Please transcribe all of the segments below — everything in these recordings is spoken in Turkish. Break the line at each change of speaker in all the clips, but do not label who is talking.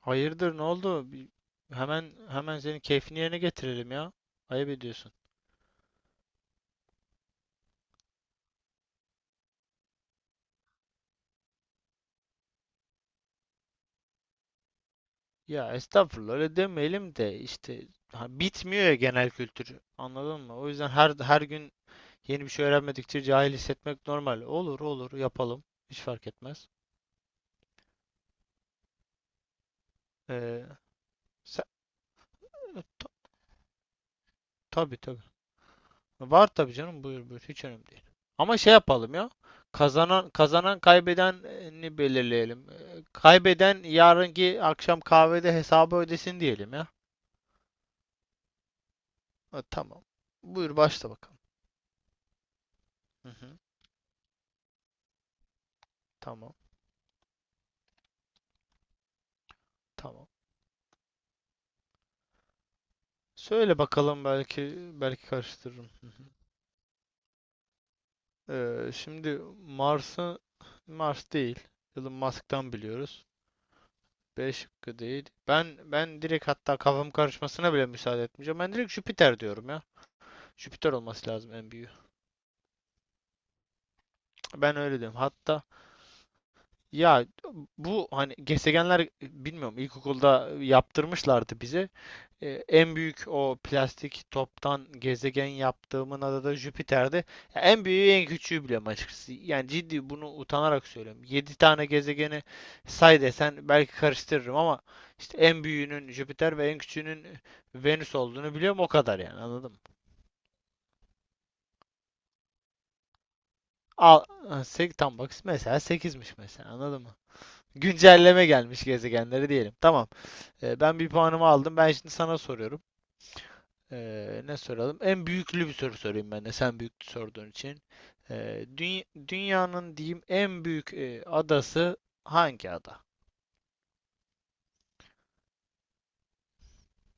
Hayırdır ne oldu? Hemen hemen senin keyfini yerine getirelim ya. Ayıp ediyorsun. Ya estağfurullah öyle demeyelim de işte ha, bitmiyor ya genel kültürü. Anladın mı? O yüzden her gün yeni bir şey öğrenmedikçe cahil hissetmek normal. Olur olur yapalım. Hiç fark etmez. Ee, Sen, ta- tabii tabii. Var tabii canım, buyur buyur, hiç önemli değil. Ama şey yapalım ya. Kazanan kazanan kaybedeni belirleyelim. Kaybeden yarınki akşam kahvede hesabı ödesin diyelim ya. Ha, tamam. Buyur başla bakalım. Hı hı. Tamam. Tamam. Söyle bakalım, belki karıştırırım. Şimdi Mars'ı Mars değil. Elon Musk'tan biliyoruz. B şıkkı değil. Ben direkt, hatta kafam karışmasına bile müsaade etmeyeceğim. Ben direkt Jüpiter diyorum ya. Jüpiter olması lazım en büyüğü. Ben öyle diyorum. Hatta ya, bu hani gezegenler, bilmiyorum, ilkokulda yaptırmışlardı bize. En büyük o plastik toptan gezegen yaptığımın adı da Jüpiter'di. Ya en büyüğü en küçüğü biliyorum açıkçası. Yani ciddi bunu utanarak söylüyorum. Yedi tane gezegeni say desen belki karıştırırım ama işte en büyüğünün Jüpiter ve en küçüğünün Venüs olduğunu biliyorum o kadar, yani anladın mı? Al, tam bak mesela sekizmiş, mesela anladın mı? Güncelleme gelmiş gezegenleri diyelim. Tamam. Ben bir puanımı aldım. Ben şimdi sana soruyorum. Ne soralım? En büyüklü bir soru sorayım ben de, sen büyük sorduğun için. Dünyanın diyeyim, en büyük adası hangi ada?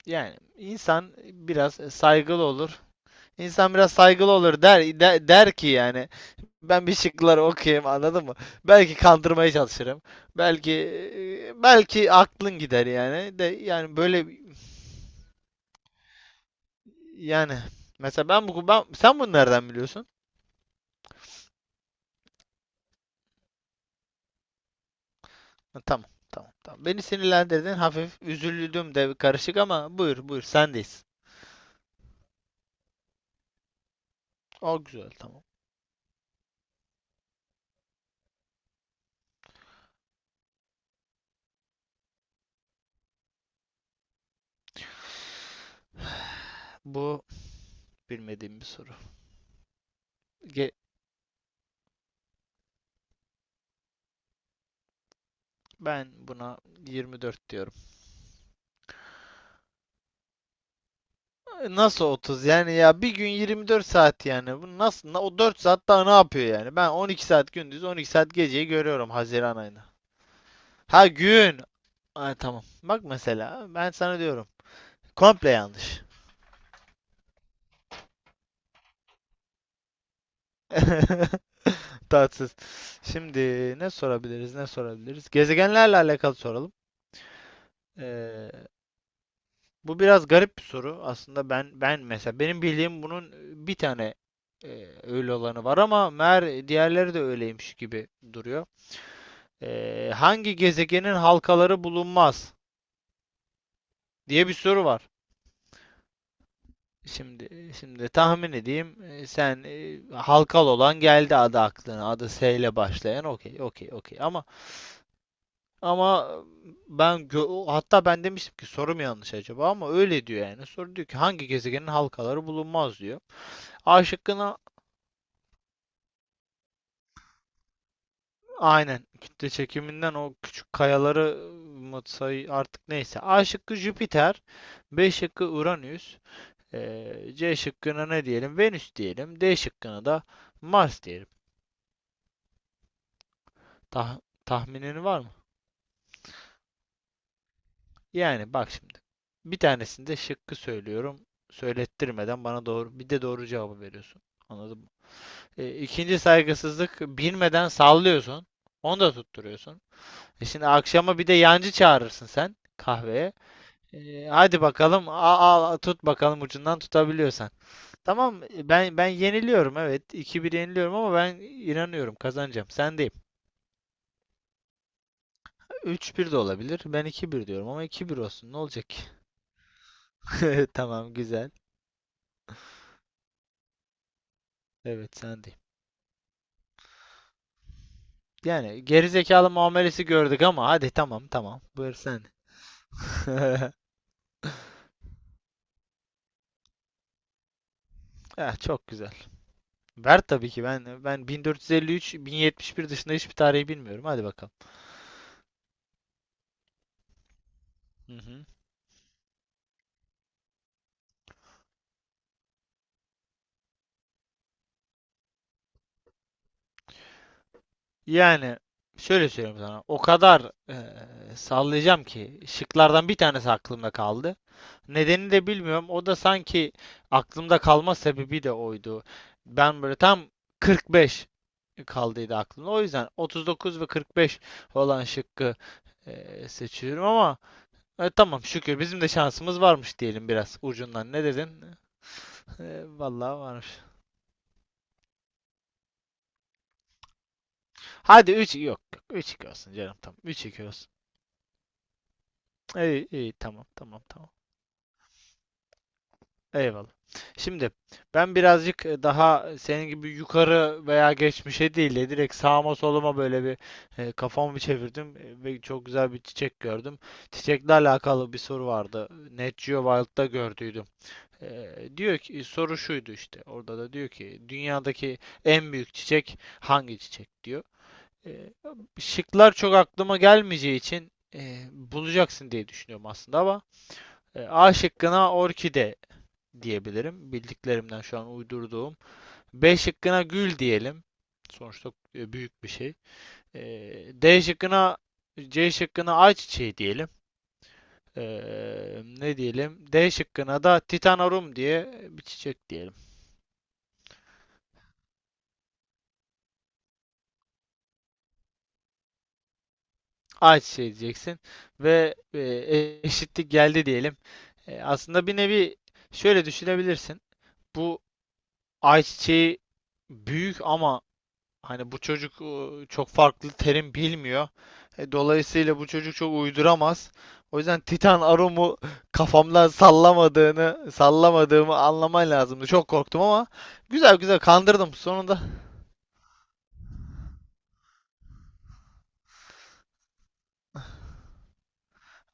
Yani insan biraz saygılı olur. İnsan biraz saygılı olur der ki yani ben bir şıkları okuyayım anladın mı? Belki kandırmaya çalışırım. Belki belki aklın gider yani. De yani böyle, yani mesela ben bu ben sen bunu nereden biliyorsun? Ha, tamam, tamam, tamam. Beni sinirlendirdin. Hafif üzüldüm de karışık, ama buyur, buyur. Sendeyiz. O güzel, tamam. Bu bilmediğim bir soru. Ge- ben buna 24 diyorum. Nasıl 30? Yani ya bir gün 24 saat yani. Bu nasıl? O 4 saat daha ne yapıyor yani? Ben 12 saat gündüz, 12 saat geceyi görüyorum Haziran ayında. Ha, gün. Ay tamam. Bak mesela ben sana diyorum. Komple yanlış. Tatsız. Şimdi ne sorabiliriz, ne sorabiliriz? Gezegenlerle alakalı soralım. Ee, bu biraz garip bir soru. Aslında ben mesela, benim bildiğim bunun bir tane öyle olanı var ama meğer diğerleri de öyleymiş gibi duruyor. Hangi gezegenin halkaları bulunmaz diye bir soru var. Şimdi tahmin edeyim. Sen halkalı olan geldi adı aklına. Adı S ile başlayan. Okey, okey, okey. Ama Hatta ben demiştim ki soru mu yanlış acaba, ama öyle diyor yani. Soru diyor ki hangi gezegenin halkaları bulunmaz diyor. A şıkkına aynen kütle çekiminden o küçük kayaları mı say artık, neyse. A şıkkı Jüpiter, B şıkkı Uranüs, C şıkkına ne diyelim? Venüs diyelim. D şıkkına da Mars diyelim. Tahminin var mı? Yani bak şimdi. Bir tanesinde şıkkı söylüyorum. Söylettirmeden bana doğru bir de doğru cevabı veriyorsun. Anladın mı? E, ikinci saygısızlık, bilmeden sallıyorsun. Onu da tutturuyorsun. Şimdi akşama bir de yancı çağırırsın sen kahveye. Hadi bakalım, al tut bakalım ucundan tutabiliyorsan. Tamam, ben yeniliyorum evet. iki bir yeniliyorum ama ben inanıyorum kazanacağım. Sendeyim. Üç bir de olabilir. Ben iki bir diyorum ama iki bir olsun. Ne olacak ki? Tamam güzel. Evet sendeyim. Yani gerizekalı muamelesi gördük ama hadi, tamam tamam. Buyur sen. Eh, çok güzel. Ver tabii ki, ben 1453, 1071 dışında hiçbir tarihi bilmiyorum. Hadi bakalım. Hı hı. Yani şöyle söyleyeyim sana. O kadar sallayacağım ki şıklardan bir tanesi aklımda kaldı. Nedenini de bilmiyorum. O da sanki aklımda kalma sebebi de oydu. Ben böyle tam 45 kaldıydı aklımda. O yüzden 39 ve 45 olan şıkkı seçiyorum ama tamam, şükür bizim de şansımız varmış diyelim biraz ucundan. Ne dedin? Vallahi varmış. Hadi üç, yok üç 3 olsun canım, tamam, 3 2 olsun. İyi iyi, tamam tamam tamam. Eyvallah. Şimdi ben birazcık daha senin gibi yukarı veya geçmişe değil de direkt sağıma soluma böyle bir kafamı bir çevirdim ve çok güzel bir çiçek gördüm. Çiçekle alakalı bir soru vardı. Net Geo Wild'da gördüydüm. Diyor ki, soru şuydu işte orada da, diyor ki dünyadaki en büyük çiçek hangi çiçek diyor. Ee, şıklar çok aklıma gelmeyeceği için bulacaksın diye düşünüyorum aslında, ama A şıkkına orkide diyebilirim. Bildiklerimden şu an uydurduğum. B şıkkına gül diyelim. Sonuçta büyük bir şey. E, D şıkkına C şıkkına ayçiçeği diyelim. E, ne diyelim? D şıkkına da titanorum diye bir çiçek diyelim. Ayçiçeği diyeceksin ve eşitlik geldi diyelim. Aslında bir nevi şöyle düşünebilirsin. Bu ayçiçeği büyük ama hani bu çocuk çok farklı terim bilmiyor. Dolayısıyla bu çocuk çok uyduramaz. O yüzden Titan Arum'u kafamdan sallamadığını, sallamadığımı anlaman lazımdı. Çok korktum ama güzel güzel kandırdım sonunda.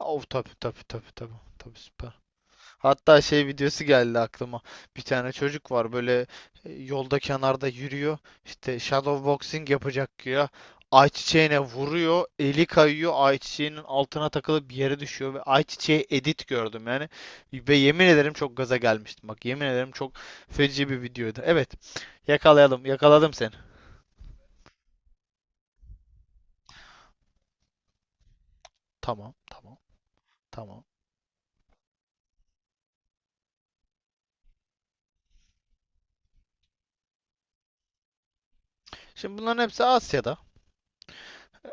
Of, tabii tabii tabii tabii. Tabii süper. Hatta şey videosu geldi aklıma. Bir tane çocuk var böyle, yolda kenarda yürüyor. İşte shadow boxing yapacak ya. Ayçiçeğine vuruyor, eli kayıyor, ayçiçeğinin altına takılıp bir yere düşüyor ve ayçiçeği edit gördüm yani. Ve yemin ederim çok gaza gelmiştim. Bak yemin ederim çok feci bir videoydu. Evet, yakalayalım, yakaladım seni. Tamam, tamam, tamam. Şimdi bunların hepsi Asya'da.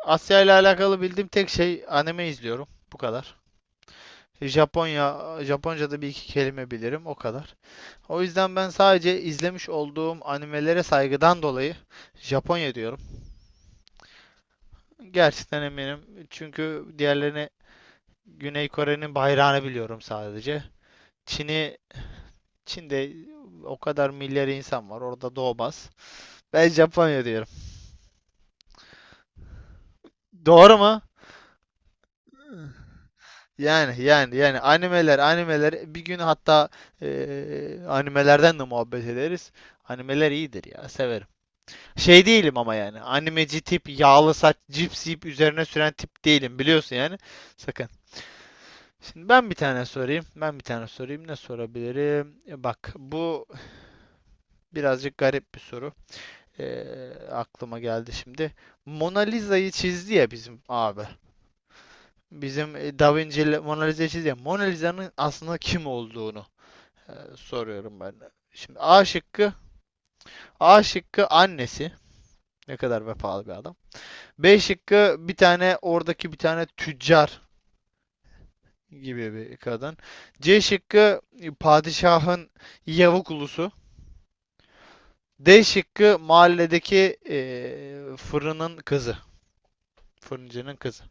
Asya ile alakalı bildiğim tek şey, anime izliyorum. Bu kadar. Japonya, Japonca'da bir iki kelime bilirim, o kadar. O yüzden ben sadece izlemiş olduğum animelere saygıdan dolayı Japonya diyorum. Gerçekten eminim. Çünkü diğerlerini, Güney Kore'nin bayrağını biliyorum sadece. Çin'i, Çin'de o kadar milyar insan var, orada doğmaz. Ben Japonya diyorum. Doğru mu? Yani animeler, animeler bir gün hatta animelerden de muhabbet ederiz. Animeler iyidir ya, severim. Şey değilim ama, yani animeci tip, yağlı saç cips yiyip üzerine süren tip değilim, biliyorsun yani, sakın. Şimdi ben bir tane sorayım. Ben bir tane sorayım. Ne sorabilirim? Bak bu birazcık garip bir soru. Aklıma geldi şimdi. Mona Lisa'yı çizdi ya bizim abi. Bizim Da Vinci Mona Lisa'yı çizdi ya. Mona Lisa'nın aslında kim olduğunu soruyorum ben. Şimdi A şıkkı. A şıkkı annesi. Ne kadar vefalı bir adam. B şıkkı bir tane oradaki, bir tane tüccar gibi bir kadın. C şıkkı padişahın yavuk ulusu. D şıkkı mahalledeki fırının kızı, fırıncının kızı.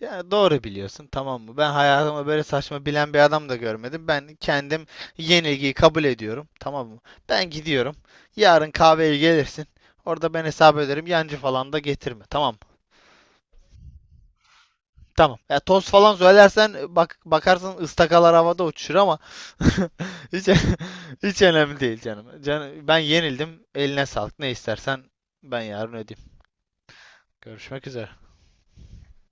Yani doğru biliyorsun tamam mı? Ben hayatımda böyle saçma bilen bir adam da görmedim. Ben kendim yenilgiyi kabul ediyorum. Tamam mı? Ben gidiyorum. Yarın kahveye gelirsin. Orada ben hesap ederim. Yancı falan da getirme. Tamam mı? Tamam. Ya toz falan söylersen bak, bakarsın ıstakalar havada uçuşur ama hiç hiç önemli değil canım. Can, ben yenildim. Eline sağlık. Ne istersen ben yarın ödeyeyim. Görüşmek üzere.